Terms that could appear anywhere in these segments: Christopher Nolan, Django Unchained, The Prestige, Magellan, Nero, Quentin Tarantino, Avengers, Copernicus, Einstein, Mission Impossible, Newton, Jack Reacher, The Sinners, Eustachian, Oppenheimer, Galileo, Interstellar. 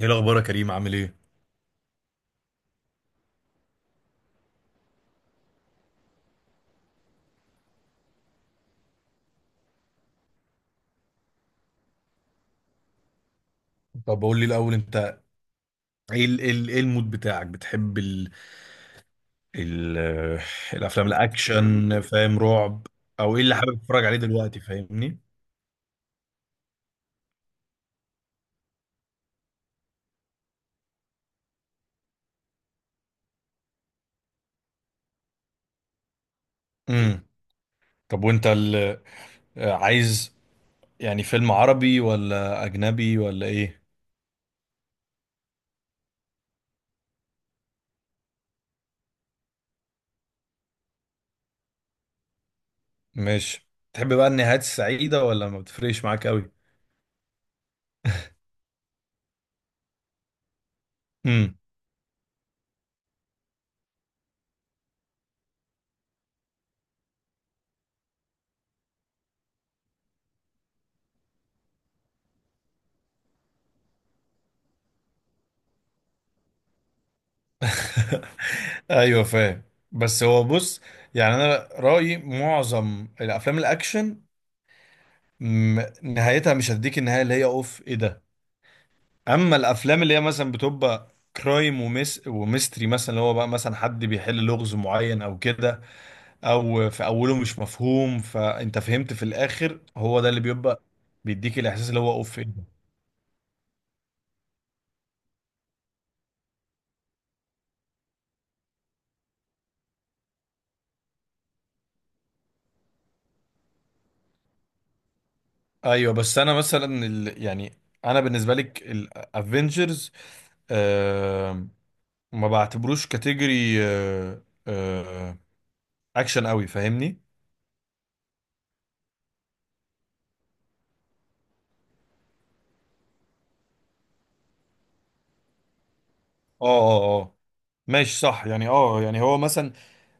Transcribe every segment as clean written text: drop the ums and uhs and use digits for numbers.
ايه الاخبار يا كريم؟ عامل ايه؟ طب قول لي الاول، انت ايه المود بتاعك؟ بتحب ال ال الافلام الاكشن، فاهم؟ رعب؟ او ايه اللي حابب تتفرج عليه دلوقتي، فاهمني؟ امم. طب وانت عايز يعني فيلم عربي ولا اجنبي ولا ايه؟ ماشي. تحب بقى النهايات السعيده ولا ما بتفرقش معاك قوي؟ امم. ايوه فاهم. بس هو بص، يعني انا رايي معظم الافلام الاكشن نهايتها مش هتديك النهايه اللي هي اوف ايه ده. اما الافلام اللي هي مثلا بتبقى كرايم ومس وميستري مثلا، اللي هو بقى مثلا حد بيحل لغز معين او كده، او في اوله مش مفهوم فانت فهمت في الاخر، هو ده اللي بيبقى بيديك الاحساس اللي هو اوف ايه ده. ايوه، بس انا مثلا يعني انا بالنسبه لك الافنجرز، آه ما بعتبروش كاتيجوري، آه اكشن قوي، فاهمني؟ اه اه اه ماشي، صح، يعني يعني هو مثلا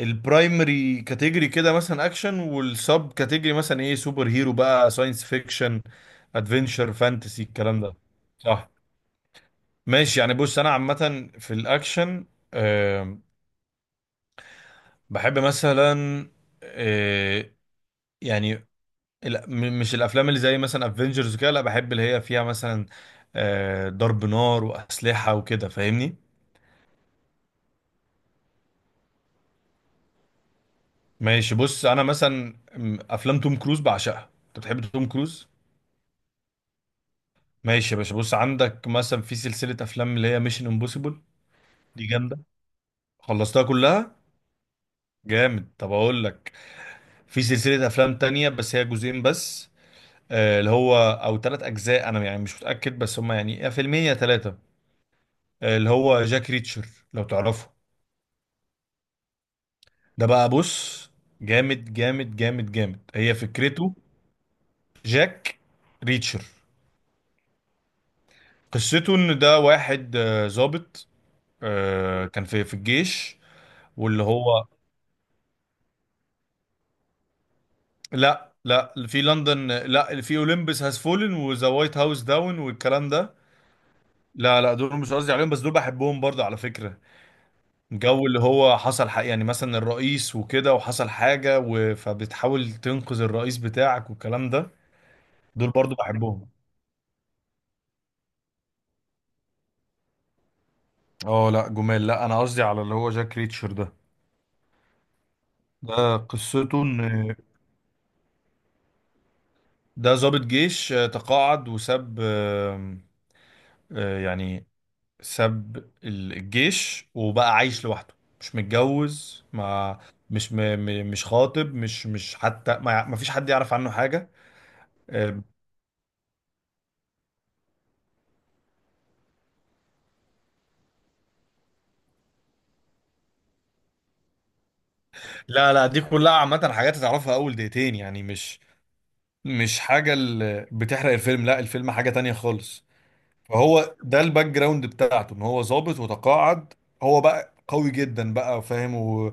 البرايمري كاتيجوري كده مثلا اكشن، والسب كاتيجوري مثلا ايه سوبر هيرو، بقى ساينس فيكشن، ادفنشر، فانتسي، الكلام ده. صح. ماشي، يعني بص، انا عامة في الاكشن آه بحب مثلا، آه يعني مش الافلام اللي زي مثلا افنجرز كده، لا، بحب اللي هي فيها مثلا ضرب نار واسلحة وكده، فاهمني؟ ماشي، بص انا مثلا افلام توم كروز بعشقها. انت بتحب توم كروز؟ ماشي يا باشا، بص، عندك مثلا في سلسله افلام اللي هي ميشن امبوسيبل، دي جامده. خلصتها كلها. جامد. طب اقول لك، في سلسله افلام تانية بس هي جزئين بس، اللي هو او ثلاث اجزاء، انا يعني مش متاكد، بس هم يعني يا فيلمين يا ثلاثه، اللي هو جاك ريتشر، لو تعرفه. ده بقى بص جامد جامد جامد جامد، هي فكرته. جاك ريتشر. قصته ان ده واحد ظابط، كان في الجيش. واللي هو، لا لا، اللي في لندن، لا، اللي في اولمبس هاز فولن وذا وايت هاوس داون والكلام ده. لا لا، دول مش قصدي عليهم، بس دول بحبهم برضه على فكرة. جو اللي هو حصل حق، يعني مثلا الرئيس وكده، وحصل حاجة فبتحاول تنقذ الرئيس بتاعك والكلام ده. دول برضه بحبهم. اه لا، جمال، لا انا قصدي على اللي هو جاك ريتشر ده. ده قصته ان ده ضابط جيش تقاعد وساب، يعني ساب الجيش وبقى عايش لوحده، مش متجوز، ما، مش مش خاطب، مش حتى ما فيش حد يعرف عنه حاجة. أم، لا لا، دي كلها عامة، حاجات هتعرفها أول دقيقتين، يعني مش. مش حاجة اللي بتحرق الفيلم، لا، الفيلم حاجة تانية خالص. فهو ده الباك جراوند بتاعته إن هو ظابط وتقاعد، هو بقى قوي جدا بقى، فاهم؟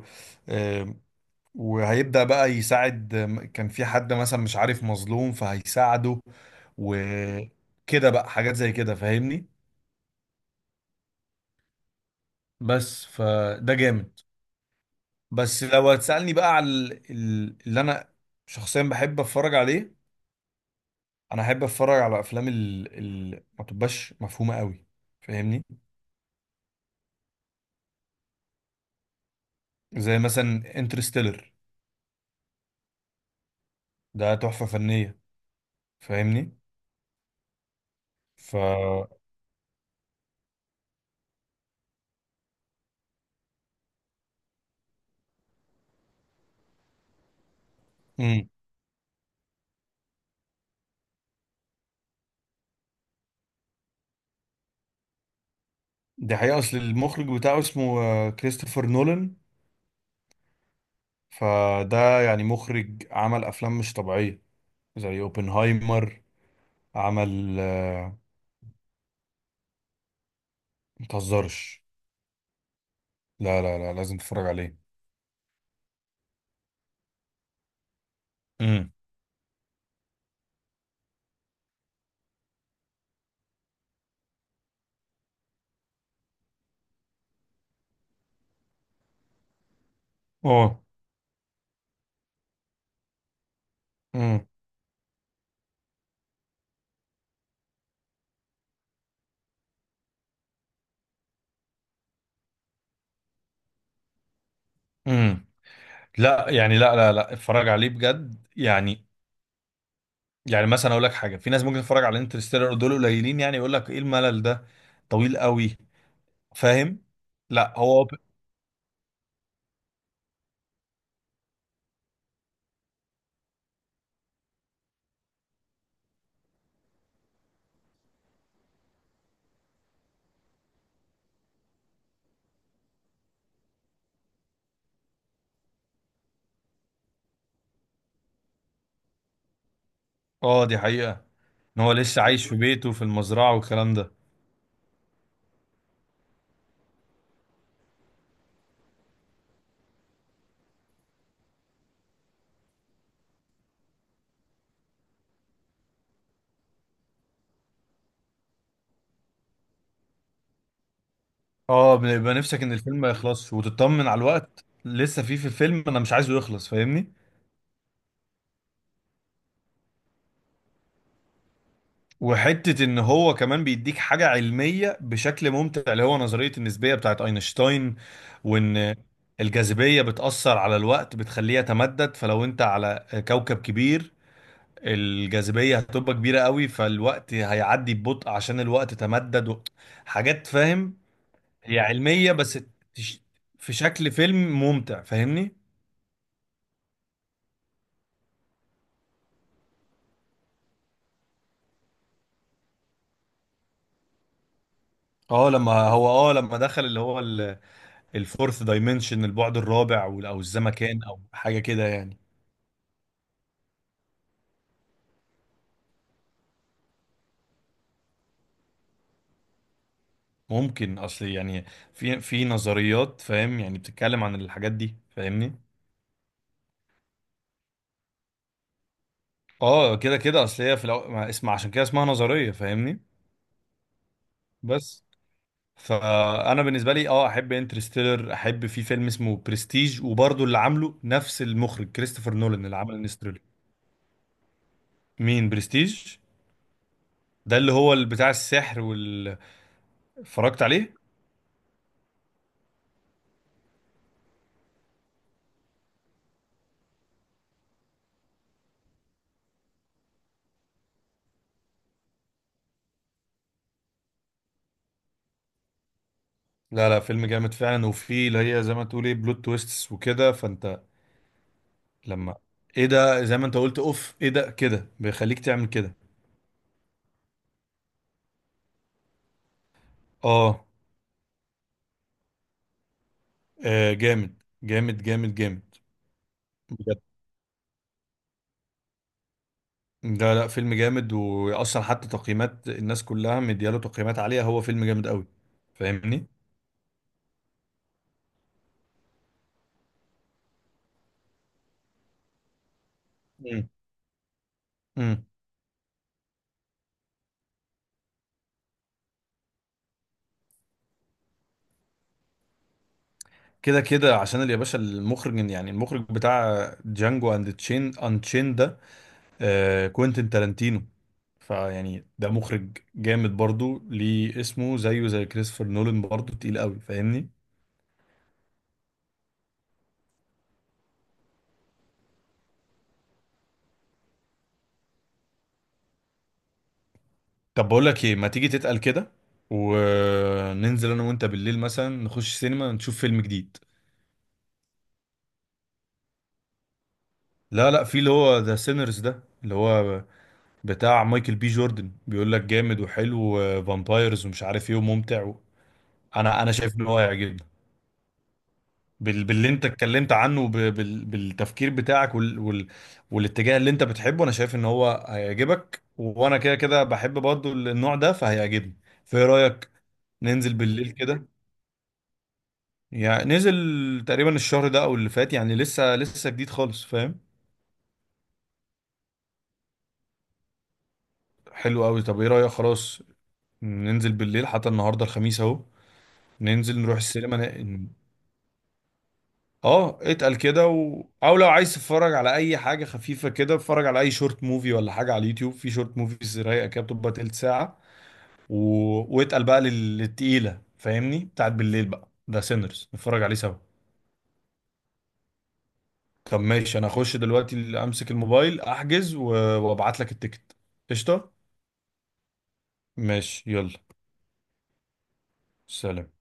وهيبدأ بقى يساعد، كان في حد مثلا مش عارف مظلوم، فهيساعده وكده بقى، حاجات زي كده، فاهمني؟ بس فده جامد. بس لو هتسألني بقى على اللي انا شخصيا بحب اتفرج عليه، انا احب اتفرج على افلام اللي ما تبقاش مفهومة قوي، فاهمني؟ زي مثلا انترستيلر، ده تحفة فنية، فاهمني؟ ف امم. دي حقيقة، اصل المخرج بتاعه اسمه كريستوفر نولان. فده يعني مخرج عمل افلام مش طبيعيه، زي اوبنهايمر، عمل متهزرش. لا لا لا، لازم تتفرج عليه. امم. اه. امم. امم. لا، يعني لا لا لا، اتفرج عليه بجد يعني. يعني مثلا اقول لك حاجه، في ناس ممكن تتفرج على انترستيلر دول قليلين، يعني يقول لك ايه الملل ده، طويل قوي، فاهم؟ لا هو اه، دي حقيقه ان هو لسه عايش في بيته في المزرعه والكلام ده. اه، بيبقى نفسك ان الفيلم ما يخلصش، وتطمن على الوقت لسه فيه في الفيلم، انا مش عايزه يخلص، فاهمني؟ وحتة ان هو كمان بيديك حاجة علمية بشكل ممتع، اللي هو نظرية النسبية بتاعت اينشتاين، وان الجاذبية بتأثر على الوقت بتخليه يتمدد، فلو انت على كوكب كبير الجاذبية هتبقى كبيرة قوي، فالوقت هيعدي ببطء عشان الوقت تمدد حاجات، فاهم؟ هي علمية، بس تش- في شكل فيلم ممتع، فاهمني؟ اه لما هو، اه لما دخل اللي هو الفورث دايمنشن، البعد الرابع، او الزمكان او حاجه كده يعني. ممكن، اصل يعني في نظريات، فاهم؟ يعني بتتكلم عن الحاجات دي، فاهمني؟ اه كده كده، اصل هي ما اسم، عشان كده اسمها نظريه، فاهمني؟ بس فانا بالنسبه لي اه احب انترستيلر، احب في فيلم اسمه برستيج، وبرضه اللي عامله نفس المخرج كريستوفر نولان اللي عمل انستريل. مين برستيج؟ ده اللي هو اللي بتاع السحر وال، اتفرجت عليه. لا لا، فيلم جامد فعلا، وفيه اللي هي زي ما تقول ايه بلوت تويستس وكده، فانت لما، ايه ده؟ زي ما انت قلت اوف ايه ده كده، بيخليك تعمل كده. اه. جامد جامد جامد جامد. بجد، لا لا، فيلم جامد واصلا، حتى تقييمات الناس كلها مدياله تقييمات عالية، هو فيلم جامد قوي، فاهمني؟ امم. امم. كده كده، عشان يا باشا، المخرج يعني المخرج بتاع جانجو اند تشين ان تشين ده، آه كوينتين تارانتينو، فيعني ده مخرج جامد برضو، ليه اسمه زيه زي كريستوفر نولان، برضو تقيل قوي، فاهمني؟ طب بقول لك ايه، ما تيجي تتقل كده، وننزل انا وانت بالليل مثلا نخش سينما نشوف فيلم جديد. لا لا، في اللي هو ذا سينرز ده، اللي هو بتاع مايكل بي جوردن، بيقول لك جامد وحلو، وفامبايرز ومش عارف ايه وممتع انا شايف ان هو هيعجبني، باللي انت اتكلمت عنه، بالتفكير بتاعك، والاتجاه اللي انت بتحبه، انا شايف ان هو هيعجبك، وانا كده كده بحب برضه النوع ده فهيعجبني. فايه رأيك؟ ننزل بالليل كده، يعني نزل تقريبا الشهر ده او اللي فات، يعني لسه لسه جديد خالص، فاهم؟ حلو قوي. طب ايه رأيك، خلاص ننزل بالليل، حتى النهارده الخميس اهو، ننزل نروح السينما. اه اتقل كده او لو عايز تتفرج على اي حاجه خفيفه كده، اتفرج على اي شورت موفي ولا حاجه على اليوتيوب، في شورت موفيز رايقه كده بتبقى تلت ساعه و... واتقل بقى للتقيله، فاهمني؟ بتاعت بالليل بقى ده، سينرز، نتفرج عليه سوا. طب ماشي، انا اخش دلوقتي امسك الموبايل احجز وابعت لك التيكت. قشطه. ماشي يلا. سلام.